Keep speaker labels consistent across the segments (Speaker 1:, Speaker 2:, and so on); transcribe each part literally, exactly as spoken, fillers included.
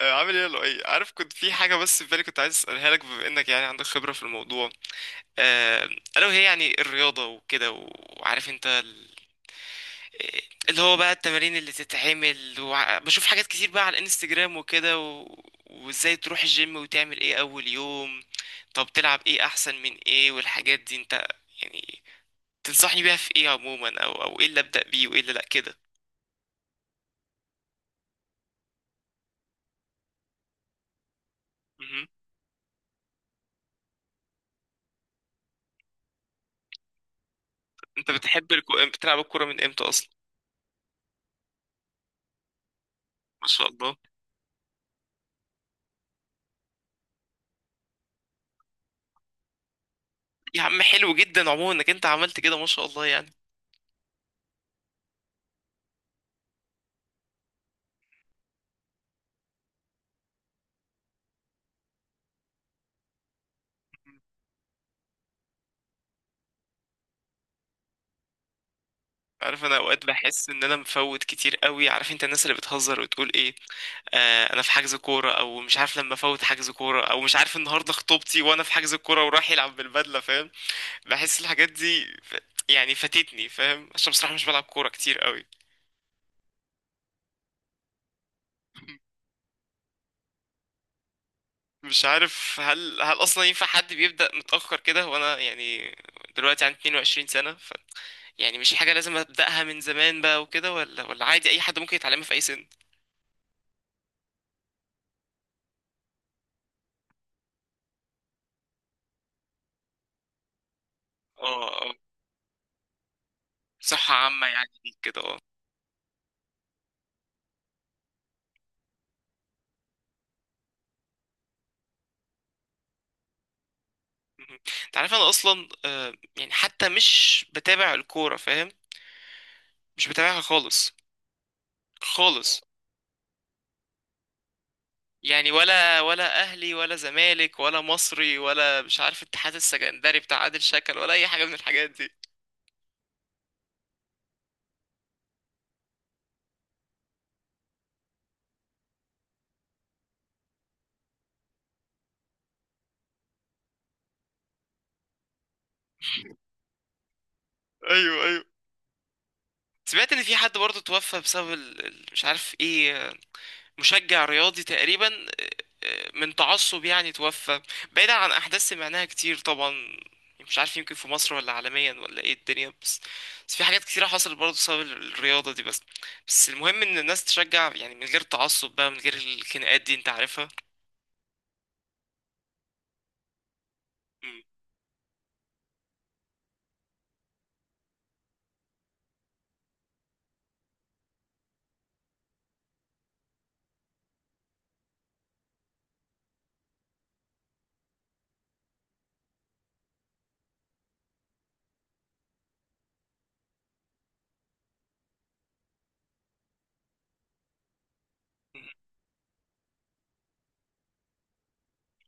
Speaker 1: آه، عامل ايه يا لؤي؟ عارف كنت في حاجه، بس في بالي كنت عايز اسالها لك، بما انك يعني عندك خبره في الموضوع. آه، الا وهي يعني الرياضه وكده، وعارف انت ال- آه، اللي هو بقى التمارين اللي تتعمل وع- بشوف حاجات كتير بقى على الانستجرام وكده و... وازاي تروح الجيم وتعمل ايه اول يوم؟ طب تلعب ايه احسن من ايه والحاجات دي؟ انت يعني تنصحني بيها في ايه عموما؟ او او ايه اللي ابدا بيه وايه اللي لا كده؟ مهم. انت بتحب الكو... بتلعب الكوره من امتى اصلا؟ ما شاء الله. يا عم حلو جدا عموما انك انت عملت كده، ما شاء الله يعني. عارف، انا اوقات بحس ان انا مفوت كتير قوي. عارف انت الناس اللي بتهزر وتقول ايه؟ آه، انا في حجز كوره، او مش عارف، لما افوت حجز كوره، او مش عارف النهارده خطوبتي وانا في حجز الكوره وراح يلعب بالبدله، فاهم؟ بحس الحاجات دي ف... يعني فاتتني، فاهم، عشان بصراحه مش بلعب كوره كتير قوي. مش عارف هل هل اصلا ينفع حد بيبدأ متأخر كده؟ وانا يعني دلوقتي عندي 22 سنة، يعني مش حاجة لازم أبدأها من زمان بقى وكده؟ ولا ولا عادي أي حد ممكن يتعلمها في أي سن؟ اه، اه، صحة عامة يعني ليك كده، اه. مهم. أنت عارف أنا أصلا، آه، يعني حتى مش بتابع الكورة، فاهم؟ مش بتابعها خالص، خالص. يعني ولا ولا أهلي ولا زمالك ولا مصري ولا مش عارف اتحاد السكندري بتاع عادل شكل، ولا أي حاجة من الحاجات دي. ايوه، ايوه. سمعت ان في حد برضه توفى بسبب ال... ال- مش عارف ايه، مشجع رياضي تقريبا. آه، من تعصب يعني توفى، بعيدا عن احداث سمعناها كتير طبعا. مش عارف، يمكن في مصر، ولا عالميا، ولا ايه الدنيا، بس بس في حاجات كتيرة حصلت برضه بسبب الرياضة دي. بس بس المهم ان الناس تشجع يعني من غير تعصب بقى، من غير الخناقات دي انت عارفها. مم.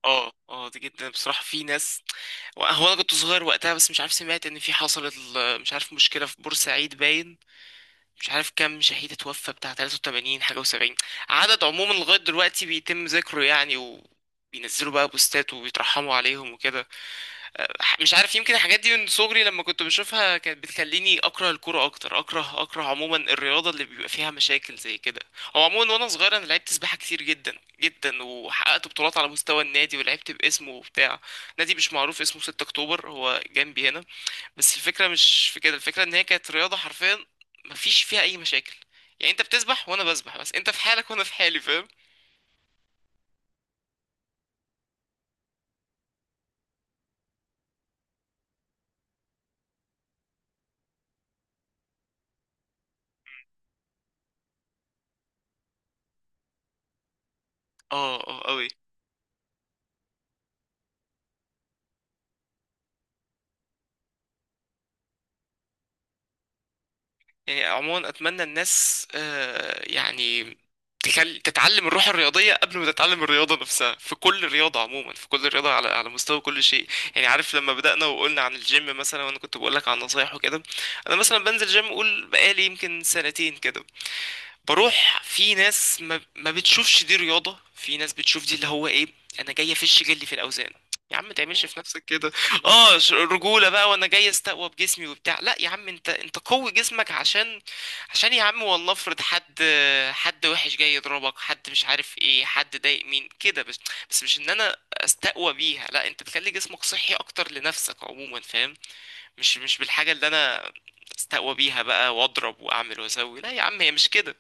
Speaker 1: اه، اه، دي جدا بصراحة. في ناس، هو انا كنت صغير وقتها بس، مش عارف، سمعت ان في حصلت ال- مش عارف مشكلة في بورسعيد باين. مش عارف كام شهيد اتوفى، بتاع ثلاثة وثمانين حاجة و70. عدد عموما لغاية دلوقتي بيتم ذكره يعني، وبينزلوا بقى بوستات وبيترحموا عليهم وكده. أه، مش عارف، يمكن الحاجات دي من صغري لما كنت بشوفها كانت بتخليني أكره الكورة أكتر. أكره أكره عموما الرياضة اللي بيبقى فيها مشاكل زي كده. هو عموما وأنا صغير أنا لعبت سباحة كتير جدا جدا، وحققت بطولات على مستوى النادي، ولعبت باسمه وبتاع نادي مش معروف، اسمه 6 أكتوبر، هو جنبي هنا. بس الفكرة مش في كده، الفكرة ان هي كانت رياضة حرفيا مفيش فيها اي مشاكل. يعني انت بتسبح وانا بسبح، بس انت في حالك وانا في حالي، فاهم؟ اه، اه، قوي. يعني عموما اتمنى الناس، آه يعني، تخل... تتعلم الروح الرياضية قبل ما تتعلم الرياضة نفسها، في كل رياضة عموما، في كل رياضة، على على مستوى كل شيء. يعني عارف لما بدأنا وقلنا عن الجيم مثلا، وانا كنت بقول لك عن نصايح وكده، انا مثلا بنزل جيم، قول بقالي يمكن سنتين كده بروح. في ناس ما, ما بتشوفش دي رياضة، في ناس بتشوف دي اللي هو ايه، انا جاي افش جلي في الاوزان. يا عم ما تعملش في نفسك كده. اه، ش- رجولة بقى، وانا جاي استقوى بجسمي وبتاع. لا يا عم، انت انت قوي جسمك عشان، عشان يا عم والله افرض حد، حد وحش جاي يضربك، حد مش عارف ايه، حد ضايق مين كده. بس، بس مش ان انا استقوى بيها، لا، انت بتخلي جسمك صحي اكتر لنفسك عموما، فاهم؟ مش مش بالحاجة اللي انا استقوى بيها بقى، واضرب واعمل واسوي، لا يا عم، هي مش كده.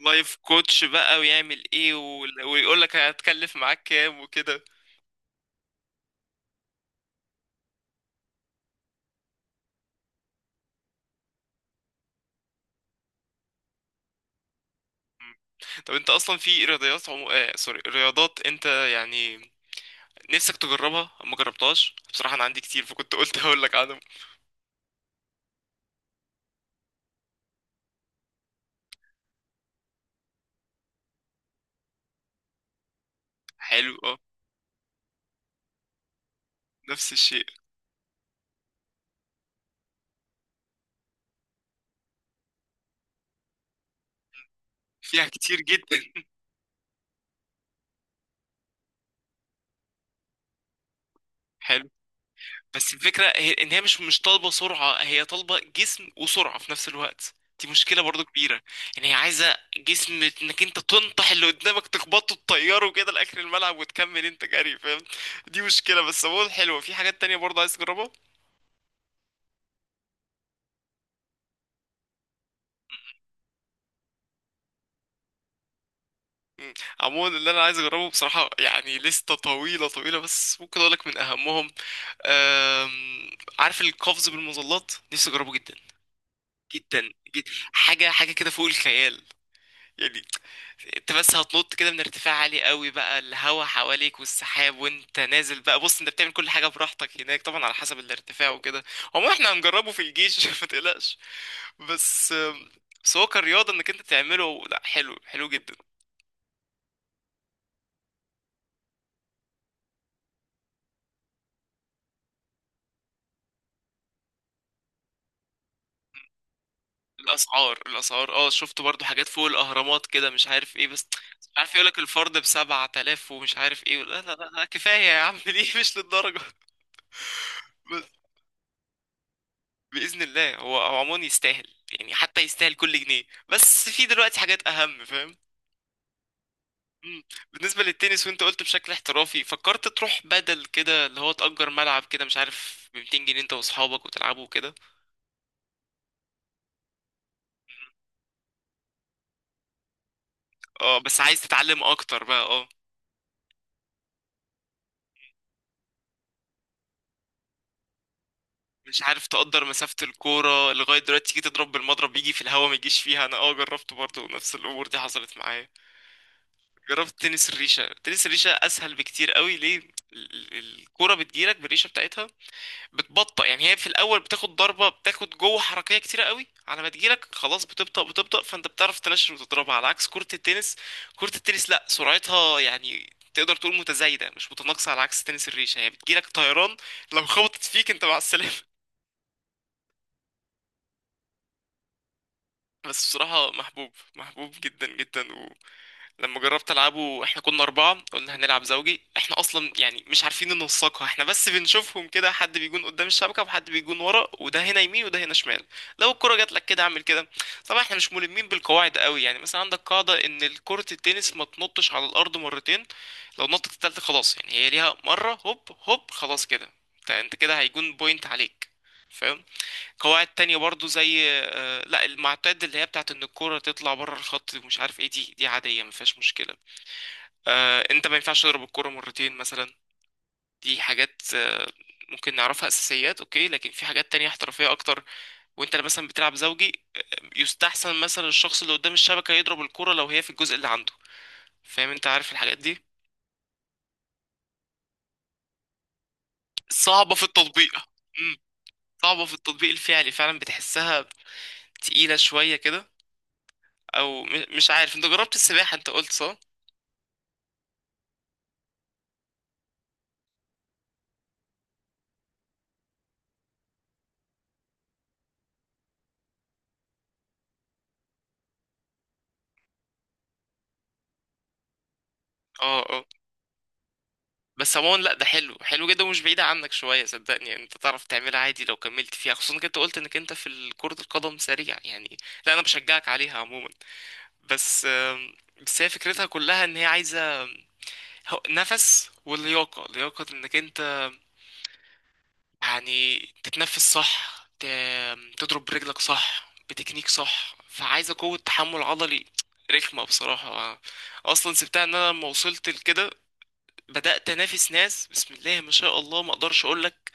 Speaker 1: لايف كوتش بقى، ويعمل ايه، وال- ويقول لك هتكلف معاك كام وكده. طب انت اصلا في رياضيات عمو... آه سوري رياضات انت يعني نفسك تجربها ما جربتهاش؟ بصراحة انا عندي كتير، فكنت قلت هقول لك عنهم. حلو، اه. نفس الشيء. فيها كتير جدا. حلو. بس الفكرة هي، ان هي مش مش طالبة سرعة، هي طالبة جسم وسرعة في نفس الوقت، دي مشكلة برضو كبيرة. يعني هي عايزة جسم، انك انت تنطح اللي قدامك، تخبطه، تطيره كده لآخر الملعب، وتكمل انت جري، فاهم؟ دي مشكلة، بس عموما حلوة. في حاجات تانية برضو عايز تجربها. مم. عموما اللي انا عايز اجربه بصراحة يعني لستة طويلة طويلة، بس ممكن اقولك من اهمهم. أم... عارف القفز بالمظلات؟ نفسي اجربه جدا جدا جدا. حاجة حاجة كده فوق الخيال يعني. انت بس هتنط كده من ارتفاع عالي قوي بقى، الهوا حواليك والسحاب، وانت نازل بقى، بص انت بتعمل كل حاجه براحتك هناك طبعا، على حسب الارتفاع وكده. هو احنا هنجربه في الجيش، ما تقلقش. بس، بس هو كرياضه انك انت تعمله، لا، حلو، حلو جدا. الاسعار الاسعار اه، شفت برضو حاجات فوق الاهرامات كده، مش عارف ايه. بس مش عارف، يقولك الفرد بسبعة آلاف ومش عارف ايه. لا لا لا لا، كفايه يا عم، ليه؟ مش للدرجه. باذن الله، هو، هو عموما يستاهل يعني، حتى يستاهل كل جنيه، بس في دلوقتي حاجات اهم، فاهم؟ مم. بالنسبه للتنس، وانت قلت بشكل احترافي، فكرت تروح بدل كده اللي هو تأجر ملعب كده مش عارف ب مئتين جنيه انت واصحابك وتلعبوا كده؟ اه، بس عايز تتعلم اكتر بقى، اه. مش عارف تقدر مسافة الكورة لغاية دلوقتي تيجي تضرب بالمضرب، يجي في الهوا ما يجيش فيها؟ انا، اه، جربت برضه، نفس الامور دي حصلت معايا. جربت تنس الريشة؟ تنس الريشة اسهل بكتير قوي، ليه؟ ال- ال- الكورة بتجيلك بالريشة بتاعتها بتبطأ. يعني هي في الاول بتاخد ضربه، بتاخد جوه حركيه كتيره قوي، على ما تجيلك خلاص بتبطأ بتبطأ، فانت بتعرف تنشر وتضربها، على عكس كره التنس. كره التنس لا، سرعتها يعني تقدر تقول متزايده مش متناقصه، على عكس تنس الريشه، هي بتجيلك طيران، لو خبطت فيك انت مع السلامه. بس بصراحه محبوب، محبوب جدا جدا. لما جربت العبه، احنا كنا اربعه، قلنا هنلعب زوجي، احنا اصلا يعني مش عارفين ننسقها احنا، بس بنشوفهم كده، حد بيجون قدام الشبكه وحد بيجون ورا، وده هنا يمين وده هنا شمال، لو الكره جات لك كده اعمل كده. طبعا احنا مش ملمين بالقواعد قوي، يعني مثلا عندك قاعده ان كره التنس ما تنطش على الارض مرتين، لو نطت التالتة خلاص، يعني هي ليها مره، هوب هوب خلاص كده، انت، انت كده هيجون بوينت عليك، فاهم؟ قواعد تانية برضو زي، آه، لا المعتاد، اللي هي بتاعت ان الكرة تطلع بره الخط ومش عارف ايه، دي دي عادية ما فيهاش مشكلة. آه، انت ما ينفعش تضرب الكرة مرتين مثلا، دي حاجات آه، ممكن نعرفها اساسيات، اوكي. لكن في حاجات تانية احترافية اكتر، وانت مثلا بتلعب زوجي، آه، يستحسن مثلا الشخص اللي قدام الشبكة يضرب الكرة لو هي في الجزء اللي عنده، فاهم انت عارف الحاجات دي. صعبة في التطبيق. مم، صعبة في التطبيق الفعلي، فعلا بتحسها تقيلة شوية كده. او م- مش عارف، انت جربت السباحة انت قلت، صح؟ اه، اه. بس عموما لا، ده حلو، حلو جدا، ومش بعيدة عنك شوية صدقني، يعني انت تعرف تعملها عادي لو كملت فيها، خصوصا انك انت قلت انك انت في كرة القدم سريع يعني. لا انا بشجعك عليها عموما. بس آم، بس هي فكرتها كلها ان هي عايزة، هو- نفس، واللياقة، لياقة انك انت يعني تتنفس صح، ت- تضرب برجلك صح بتكنيك صح، فعايزة قوة تحمل عضلي، رخمة بصراحة. اصلا سبتها ان انا لما وصلت لكده بدأت انافس ناس، بسم الله ما شاء الله، ما اقدرش اقول لك.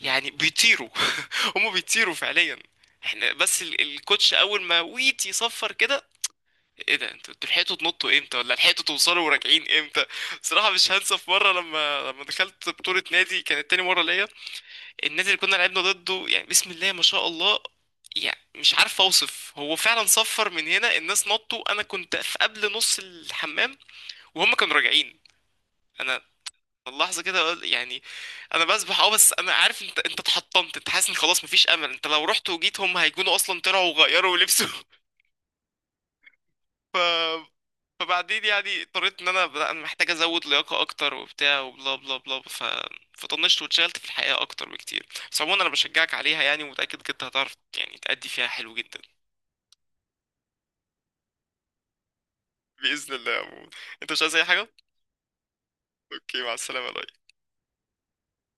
Speaker 1: يعني بيطيروا. هم بيطيروا فعليا. احنا بس ال- الكوتش اول ما ويت يصفر كده، ايه ده؟ انتوا، انتوا لحقتوا تنطوا امتى؟ ولا لحقتوا توصلوا وراجعين امتى؟ بصراحه مش هنسى في مره، لما لما دخلت بطوله نادي كانت تاني مره ليا، النادي اللي كنا لعبنا ضده يعني، بسم الله ما شاء الله، يعني مش عارف اوصف. هو فعلا صفر من هنا، الناس نطوا، انا كنت في قبل نص الحمام وهم كانوا راجعين. انا اللحظه كده قل- يعني، انا بسبح، اه، بس انا عارف، انت، انت اتحطمت، انت حاسس ان خلاص مفيش امل، انت لو رحت وجيت هم هيكونوا اصلا طلعوا وغيروا لبسوا. ف... فبعدين يعني اضطريت ان انا، لا، انا محتاج ازود لياقه اكتر وبتاع وبلا بلا بلا، ف فطنشت واتشغلت في الحقيقه اكتر بكتير. بس عموما انا بشجعك عليها يعني، ومتاكد إنك انت هتعرف يعني تأدي فيها حلو جدا. باذن الله يا عمو. انت مش عايز اي حاجه؟ اوكي، مع السلامه يا لؤي.